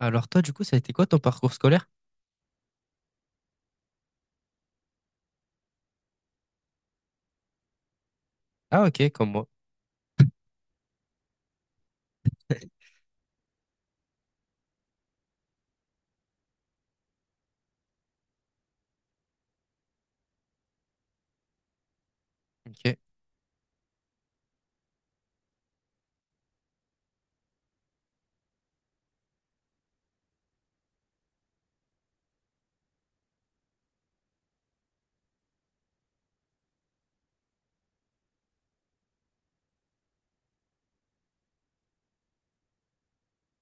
Alors toi, du coup, ça a été quoi ton parcours scolaire? Ah ok, comme moi. Ok.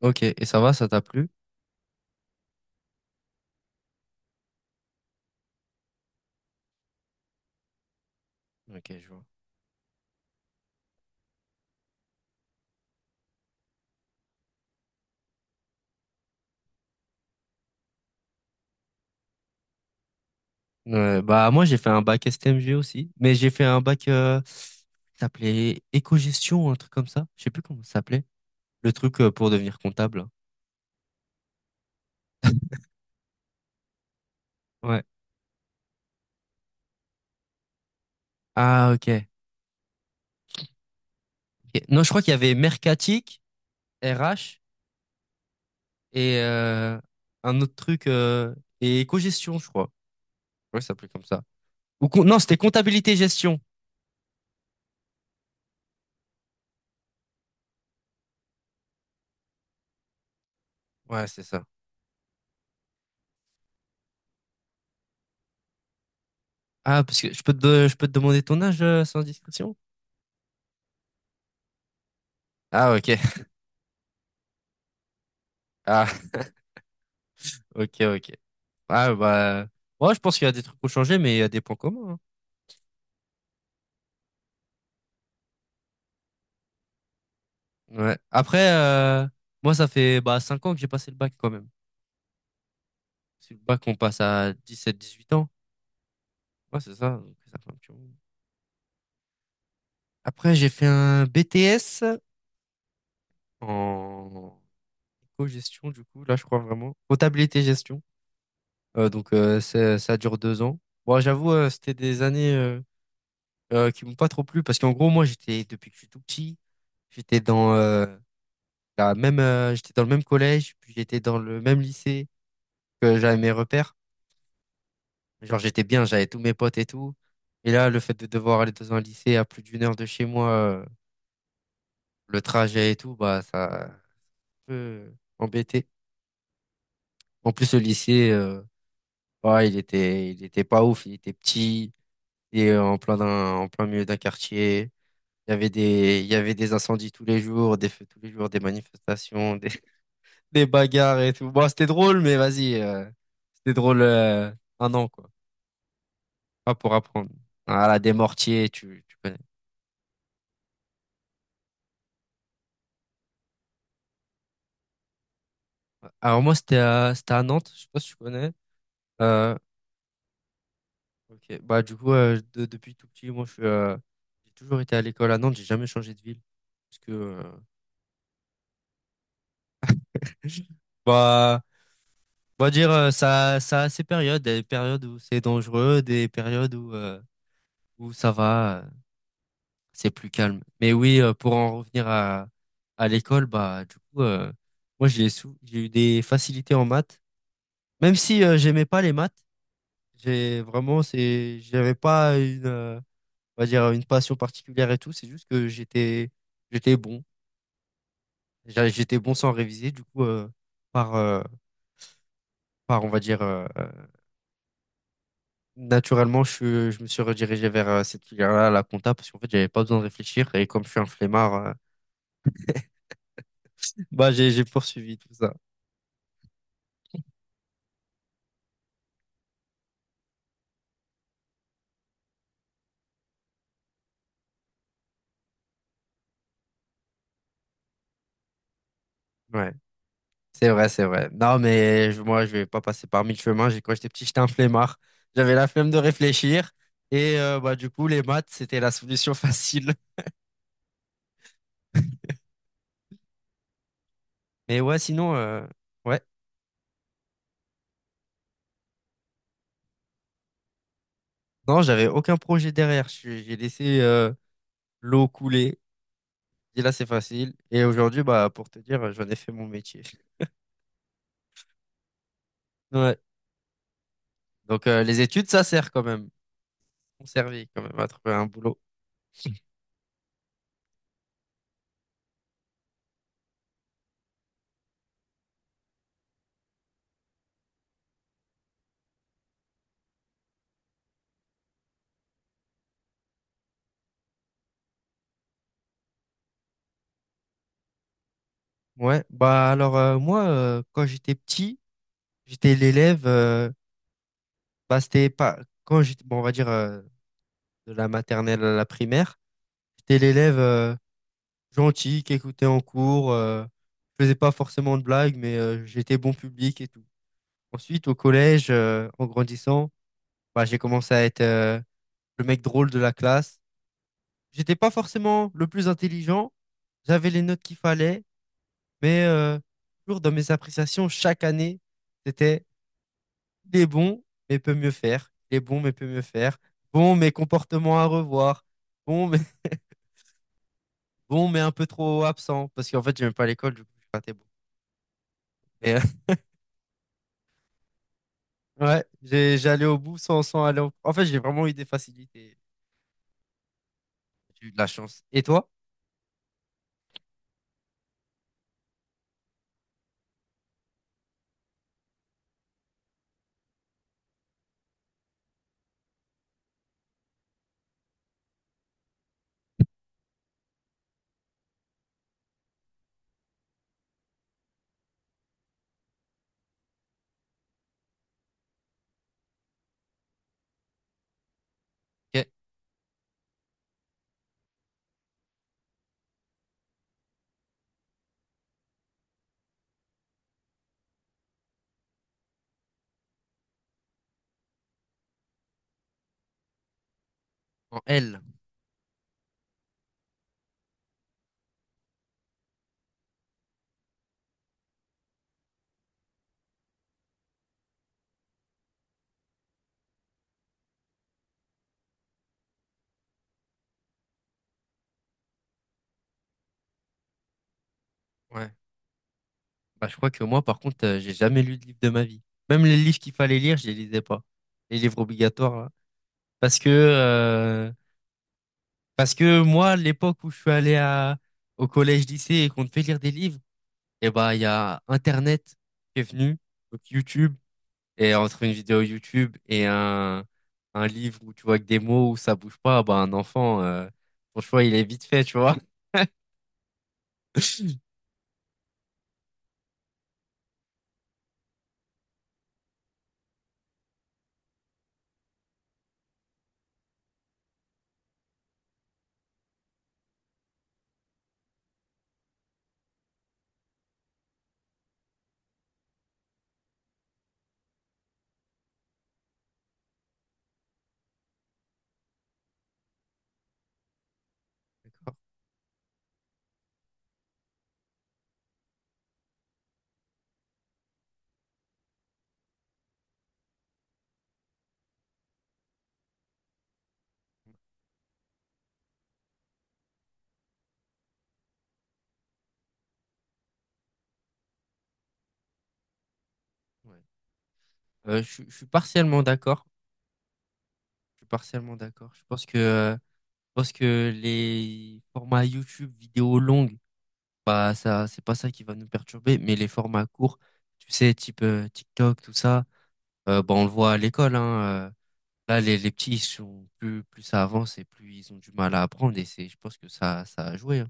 Ok, et ça va, ça t'a plu? Ok, je vois. Bah moi, j'ai fait un bac STMG aussi, mais j'ai fait un bac qui s'appelait éco-gestion, un truc comme ça. Je sais plus comment ça s'appelait. Le truc pour devenir comptable. Ouais. Ah ok. Ok. Non, je crois qu'il y avait mercatique, RH et un autre truc et éco-gestion, je crois. Ouais, ça s'appelait comme ça. Non, c'était comptabilité-gestion. Ouais, c'est ça. Ah, parce que je peux te demander ton âge sans discrétion. Ah, ok. Ah, ok, ok. Ah, bah, moi, je pense qu'il y a des trucs qui ont changé, mais il y a des points communs, hein. Ouais. Après, moi, ça fait bah, 5 ans que j'ai passé le bac quand même. C'est le bac, on passe à 17 18 ans. Ouais, c'est ça. Donc ça fait un petit moment. Après, j'ai fait un BTS en co-gestion, du coup, là, je crois vraiment. Comptabilité-gestion. Donc, ça dure 2 ans. Bon, j'avoue, c'était des années qui m'ont pas trop plu, parce qu'en gros, moi, j'étais depuis que je suis tout petit, j'étais dans la même j'étais dans le même collège, puis j'étais dans le même lycée, que j'avais mes repères, genre j'étais bien, j'avais tous mes potes et tout. Et là, le fait de devoir aller dans un lycée à plus d'1 heure de chez moi, le trajet et tout, bah ça a un peu embêté. En plus, le lycée, bah, il était pas ouf, il était petit et en plein milieu d'un quartier, il y avait des incendies tous les jours, des feux tous les jours, des manifestations, des bagarres et tout. Bon, c'était drôle, mais vas-y, c'était drôle un an, quoi. Pas pour apprendre. Voilà, des mortiers, tu connais. Alors moi, c'était à Nantes, je sais pas si tu connais. Euh, ok, bah du coup, depuis tout petit, moi, j'ai toujours été à l'école à Nantes, j'ai jamais changé de ville. Parce que, bah, on va dire, ça a ses périodes, des périodes où c'est dangereux, des périodes où ça va, c'est plus calme. Mais oui, pour en revenir à l'école, bah, du coup, moi, j'ai eu des facilités en maths. Même si j'aimais pas les maths, j'avais pas une, on va dire, une passion particulière et tout. C'est juste que j'étais bon. J'étais bon sans réviser. Du coup, par, euh, par, on va dire, naturellement, je me suis redirigé vers cette filière-là, la compta, parce qu'en fait, j'avais pas besoin de réfléchir. Et comme je suis un flemmard, bah, j'ai poursuivi tout ça. Ouais. C'est vrai, c'est vrai. Non, mais moi, je vais pas passer par mille chemins. Quand j'étais petit, j'étais un flemmard. J'avais la flemme de réfléchir. Et bah, du coup, les maths, c'était la solution facile. Mais ouais, sinon, ouais. Non, j'avais aucun projet derrière. J'ai laissé l'eau couler. Et là, c'est facile. Et aujourd'hui, bah, pour te dire, j'en ai fait mon métier. Ouais. Donc, les études, ça sert quand même. On servi quand même à trouver un boulot. Ouais. Bah, alors, quand j'étais petit, j'étais l'élève. Bah, c'était pas quand j'étais, bon, on va dire de la maternelle à la primaire, j'étais l'élève gentil qui écoutait en cours, je faisais pas forcément de blagues, mais j'étais bon public et tout. Ensuite, au collège, en grandissant, bah, j'ai commencé à être le mec drôle de la classe. J'étais pas forcément le plus intelligent, j'avais les notes qu'il fallait, mais toujours dans mes appréciations chaque année, c'était: Il est bon, mais peut mieux faire. Il est bon, mais peut mieux faire. Bon, mais comportement à revoir. Bon, mais bon, mais un peu trop absent. Parce qu'en fait, j'aime pas l'école, du coup, j'ai raté beaucoup. Mais, euh, ouais, j'allais au bout sans aller au… En fait, j'ai vraiment eu des facilités. J'ai eu de la chance. Et toi? Ok. En L. Ouais. Bah, je crois que moi, par contre, j'ai jamais lu de livre de ma vie. Même les livres qu'il fallait lire, je les lisais pas. Les livres obligatoires, là. Parce que, euh, Parce que moi, l'époque où je suis allé au collège-lycée et qu'on te fait lire des livres, et bah il y a Internet qui est venu, donc YouTube, et entre une vidéo YouTube et un livre où tu vois que des mots où ça bouge pas, bah un enfant, son choix il est vite fait, tu vois. Ouais. Je suis partiellement d'accord. Je suis partiellement d'accord. Je pense que les formats YouTube, vidéos longues, bah ça, c'est pas ça qui va nous perturber, mais les formats courts, tu sais, type TikTok, tout ça, bah on le voit à l'école, hein. Là, les petits, ils sont plus, plus ça avance et plus ils ont du mal à apprendre. Je pense que ça a joué, hein.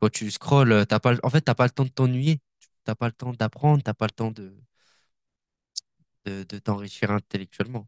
Quand tu scrolles, t'as pas, le- en fait, t'as pas le temps de t'ennuyer. T'as pas le temps d'apprendre. T'as pas le temps de t'enrichir intellectuellement.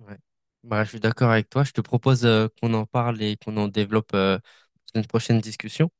Ouais. Bah, je suis d'accord avec toi. Je te propose, qu'on en parle et qu'on en développe, dans une prochaine discussion.